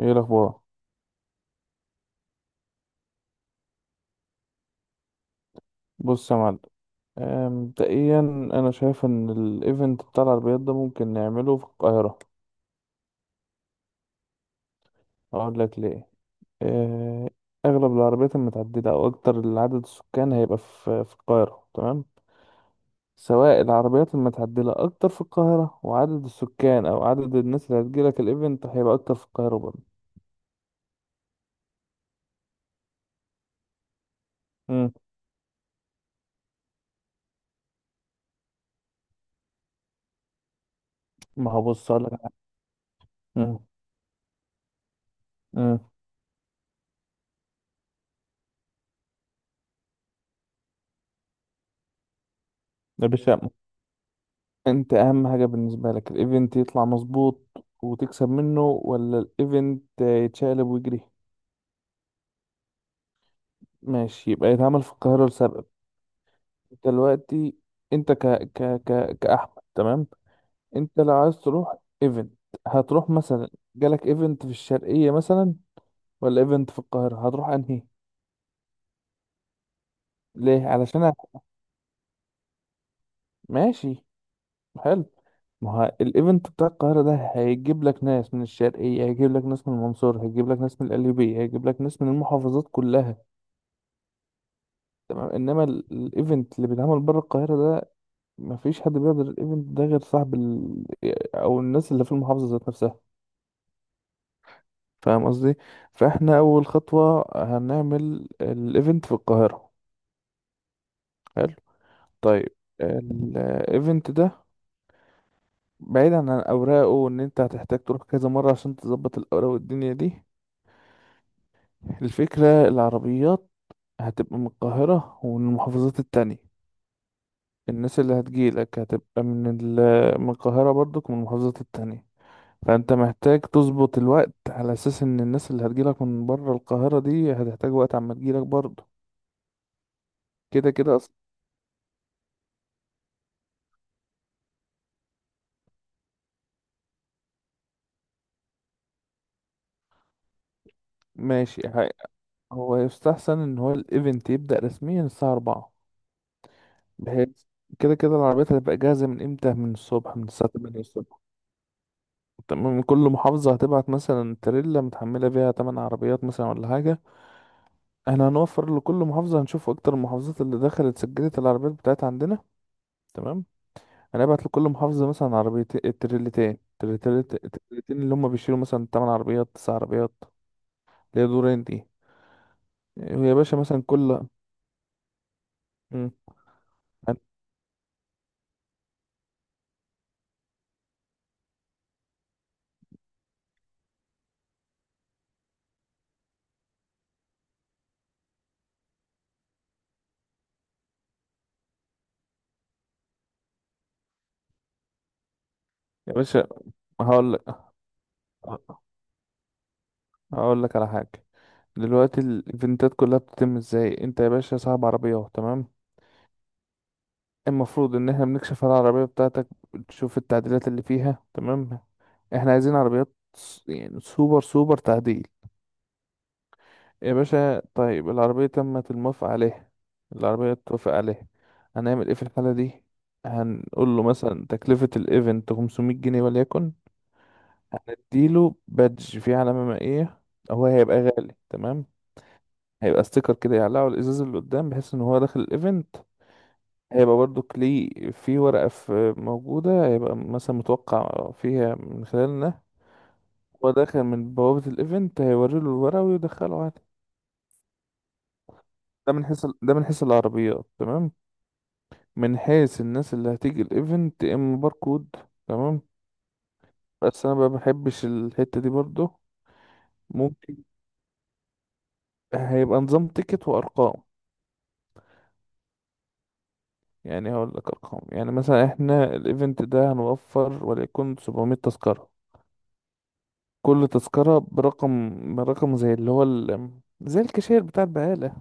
ايه الاخبار. بص يا معلم. مبدئيا انا شايف ان الايفنت بتاع العربيات ده ممكن نعمله في القاهره. اقول لك ليه. آه، اغلب العربيات المتعدله او اكتر العدد السكان هيبقى في القاهره. تمام، سواء العربيات المتعدله اكتر في القاهره، وعدد السكان او عدد الناس اللي هتجيلك الايفنت هيبقى اكتر في القاهره برضه. مم. ما هو بص مم. مم. يا باشا، انت اهم حاجة بالنسبة لك الايفنت يطلع مظبوط وتكسب منه، ولا الايفنت يتشقلب ويجري؟ ماشي، يبقى يتعمل في القاهرة لسبب. انت دلوقتي، انت ك ك ك كأحمد، تمام؟ انت لو عايز تروح ايفنت، هتروح مثلا، جالك ايفنت في الشرقية مثلا ولا ايفنت في القاهرة، هتروح انهي؟ ليه علشان ه- ماشي، حلو. ما هو الايفنت بتاع القاهرة ده هيجيب لك ناس من الشرقية، هيجيب لك ناس من المنصورة، هيجيب لك ناس من القليوبية، هيجيب لك ناس من المحافظات كلها. تمام، انما الايفنت اللي بيتعمل بره القاهره ده مفيش حد بيقدر الايفنت ده غير صاحب او الناس اللي في المحافظه ذات نفسها. فاهم قصدي؟ فاحنا اول خطوه هنعمل الايفنت في القاهره. حلو، طيب. الايفنت ده، بعيدا عن اوراقه وان انت هتحتاج تروح كذا مره عشان تظبط الاوراق والدنيا دي، الفكره العربيات هتبقى من القاهره ومن المحافظات التانية. الناس اللي هتجيلك هتبقى من من القاهره برضك ومن المحافظات التانية. فانت محتاج تظبط الوقت على اساس ان الناس اللي هتجيلك من بره القاهرة دي هتحتاج وقت عما تجيلك برضه. كده كده ماشي، هو يستحسن ان هو الايفنت يبدأ رسميا الساعة 4. بحيث كده كده العربيات هتبقى جاهزة من امتى؟ من الصبح، من الساعة 8 الصبح. تمام، كل محافظة هتبعت مثلا تريلا متحملة فيها 8 عربيات مثلا ولا حاجة. احنا هنوفر لكل محافظة، هنشوف اكتر المحافظات اللي دخلت سجلت العربيات بتاعتها عندنا. تمام، هنبعت لكل محافظة مثلا عربيتين. التريلتين التريلتين اللي هم بيشيلوا مثلا 8 عربيات 9 عربيات، اللي هي دورين دي. ويا باشا مثلا كل، مم. يا باشا، هقول لك هقول لك على حاجة. دلوقتي الايفنتات كلها بتتم ازاي؟ انت يا باشا صاحب عربية، تمام؟ المفروض ان احنا بنكشف على العربية بتاعتك، تشوف التعديلات اللي فيها، تمام. احنا عايزين عربيات يعني سوبر سوبر تعديل. يا باشا، طيب العربية تمت الموافقة عليها، العربية اتوافق عليها، هنعمل ايه في الحالة دي؟ هنقول له مثلا تكلفة الايفنت 500 جنيه وليكن، اديله بادج فيه علامة مائية، هو هيبقى غالي تمام. هيبقى ستيكر كده يعلقه على الازاز اللي قدام، بحيث ان هو داخل الايفنت هيبقى برضو ليه في ورقة في موجودة، هيبقى مثلا متوقع فيها من خلالنا. هو داخل من بوابة الايفنت هيوريله الورقة ويدخله عادي. ده من حيث العربيات، تمام. من حيث الناس اللي هتيجي الايفنت، يا اما باركود. تمام. بس انا بقى بحبش الحتة دي برضو. ممكن هيبقى نظام تيكت وارقام، يعني هقول لك ارقام يعني، مثلا احنا الايفنت ده هنوفر وليكن 700 تذكرة. كل تذكرة برقم زي اللي هو زي الكاشير بتاع البقالة.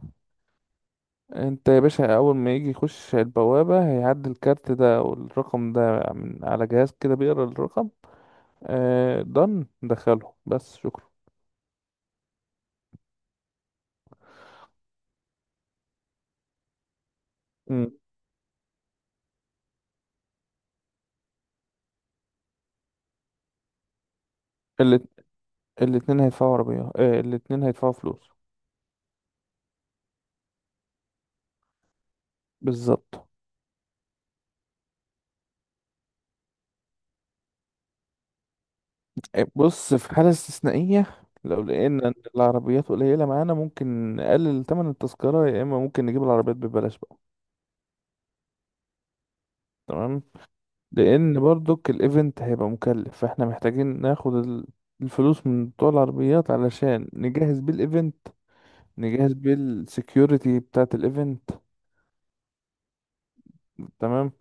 انت يا باشا، اول ما يجي يخش البوابة، هيعدي الكارت ده او الرقم ده من على جهاز كده بيقرا الرقم. آه دن دخله بس، شكرا. مم. اللي الاتنين هيدفعوا فلوس. بالظبط. بص، في حالة استثنائية لو لقينا إن العربيات قليلة معانا ممكن نقلل تمن التذكرة، يا إما ممكن نجيب العربيات ببلاش بقى. تمام، لأن برضك الإيفنت هيبقى مكلف، فإحنا محتاجين ناخد الفلوس من بتوع العربيات علشان نجهز بيه الإيفنت، نجهز بيه السكيورتي بتاعة الإيفنت. تمام،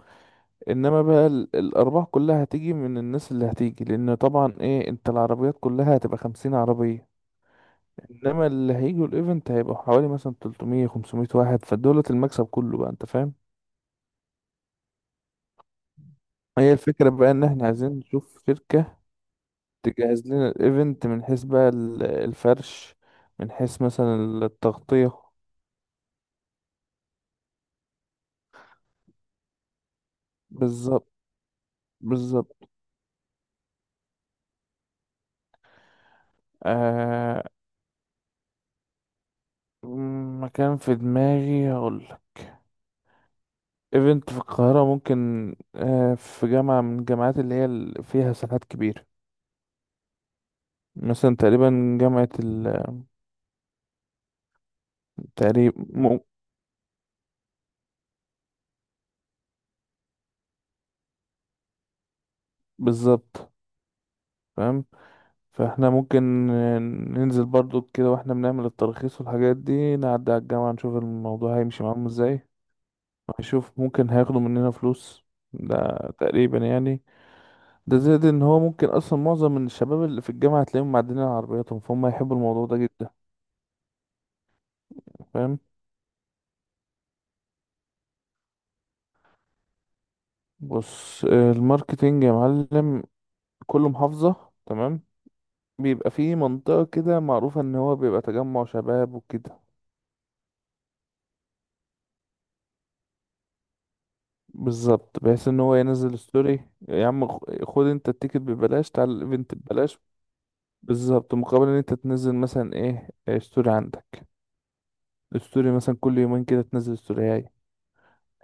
انما بقى الارباح كلها هتيجي من الناس اللي هتيجي، لان طبعا ايه، انت العربيات كلها هتبقى 50 عربية، انما اللي هيجوا الايفنت هيبقوا حوالي مثلا 300 500 واحد، فدولة المكسب كله بقى، انت فاهم. هي الفكرة بقى ان احنا عايزين نشوف شركة تجهز لنا الايفنت، من حيث بقى الفرش، من حيث مثلا التغطية. بالظبط. بالظبط، آه مكان في دماغي هقول، ايفنت في القاهرة، ممكن في جامعة من الجامعات اللي هي فيها ساحات كبيرة، مثلا تقريبا جامعة، التقريب مو- بالظبط. فاهم. فاحنا ممكن ننزل برضو كده واحنا بنعمل الترخيص والحاجات دي، نعدي على الجامعة نشوف الموضوع هيمشي معاهم ازاي. هنشوف ممكن هياخدوا مننا فلوس، ده تقريبا يعني. ده زائد ان هو ممكن اصلا معظم من الشباب اللي في الجامعة تلاقيهم معدلين على عربياتهم، فهم هيحبوا الموضوع ده جدا. فاهم. بص، الماركتينج يا معلم، كل محافظة تمام، بيبقى فيه منطقة كده معروفة ان هو بيبقى تجمع شباب وكده. بالظبط، بحيث ان هو ينزل ستوري. يا عم خد انت التيكت ببلاش، تعال الايفنت ببلاش. بالظبط، مقابل ان انت تنزل مثلا ايه إيه ستوري عندك، الستوري مثلا كل يومين كده تنزل ستوري هاي،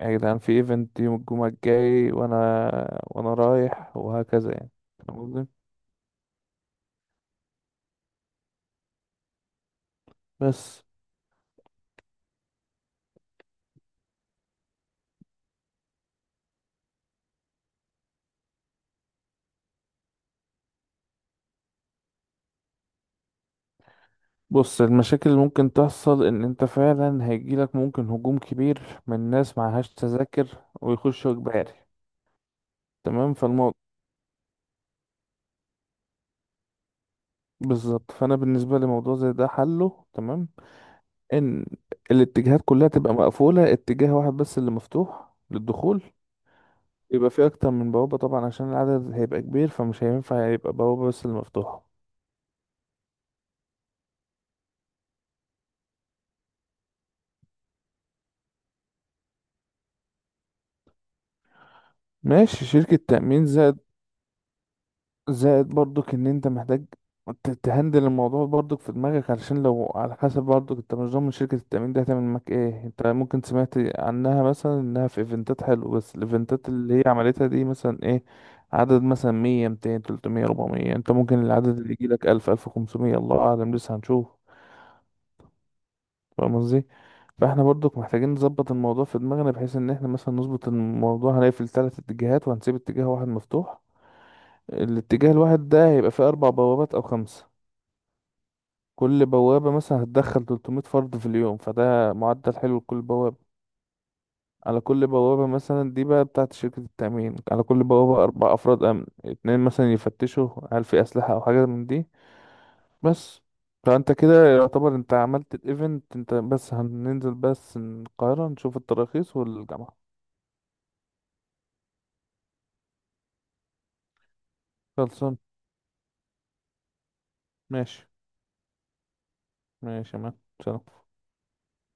يا جدعان في ايفنت يوم الجمعة الجاي، وانا رايح، وهكذا يعني. فاهم قصدي؟ بس. بص المشاكل اللي ممكن تحصل ان انت فعلا هيجيلك ممكن هجوم كبير من ناس معهاش تذاكر ويخشوا اجباري. تمام فالموضوع بالظبط. فانا بالنسبه لموضوع زي ده حله تمام ان الاتجاهات كلها تبقى مقفوله، اتجاه واحد بس اللي مفتوح للدخول. يبقى فيه اكتر من بوابه طبعا عشان العدد هيبقى كبير، فمش هينفع يبقى بوابه بس اللي مفتوحه. ماشي، شركه تامين. زائد برضك ان انت محتاج تهندل الموضوع برضك في دماغك، علشان لو على حسب برضك انت مش ضامن شركة التأمين دي هتعمل معاك ايه. انت ممكن سمعت عنها مثلا انها في ايفنتات حلو، بس الايفنتات اللي هي عملتها دي مثلا ايه، عدد مثلا 100 200 300 400، انت ممكن العدد اللي يجيلك 1500، الله أعلم لسه هنشوف. فاهم قصدي. فاحنا برضك محتاجين نظبط الموضوع في دماغنا بحيث ان احنا مثلا نظبط الموضوع، هنقفل 3 اتجاهات وهنسيب اتجاه واحد مفتوح. الاتجاه الواحد ده هيبقى فيه 4 بوابات أو خمس، كل بوابة مثلا هتدخل 300 فرد في اليوم، فده معدل حلو لكل بوابة. على كل بوابة مثلا دي بقى بتاعت شركة التأمين، على كل بوابة 4 أفراد أمن، اتنين مثلا يفتشوا هل في أسلحة أو حاجة من دي بس. فأنت كده يعتبر أنت عملت الإيفنت. أنت بس هننزل بس القاهرة نشوف التراخيص والجامعة. خلصان، ماشي. ماشي يا مان. سلام.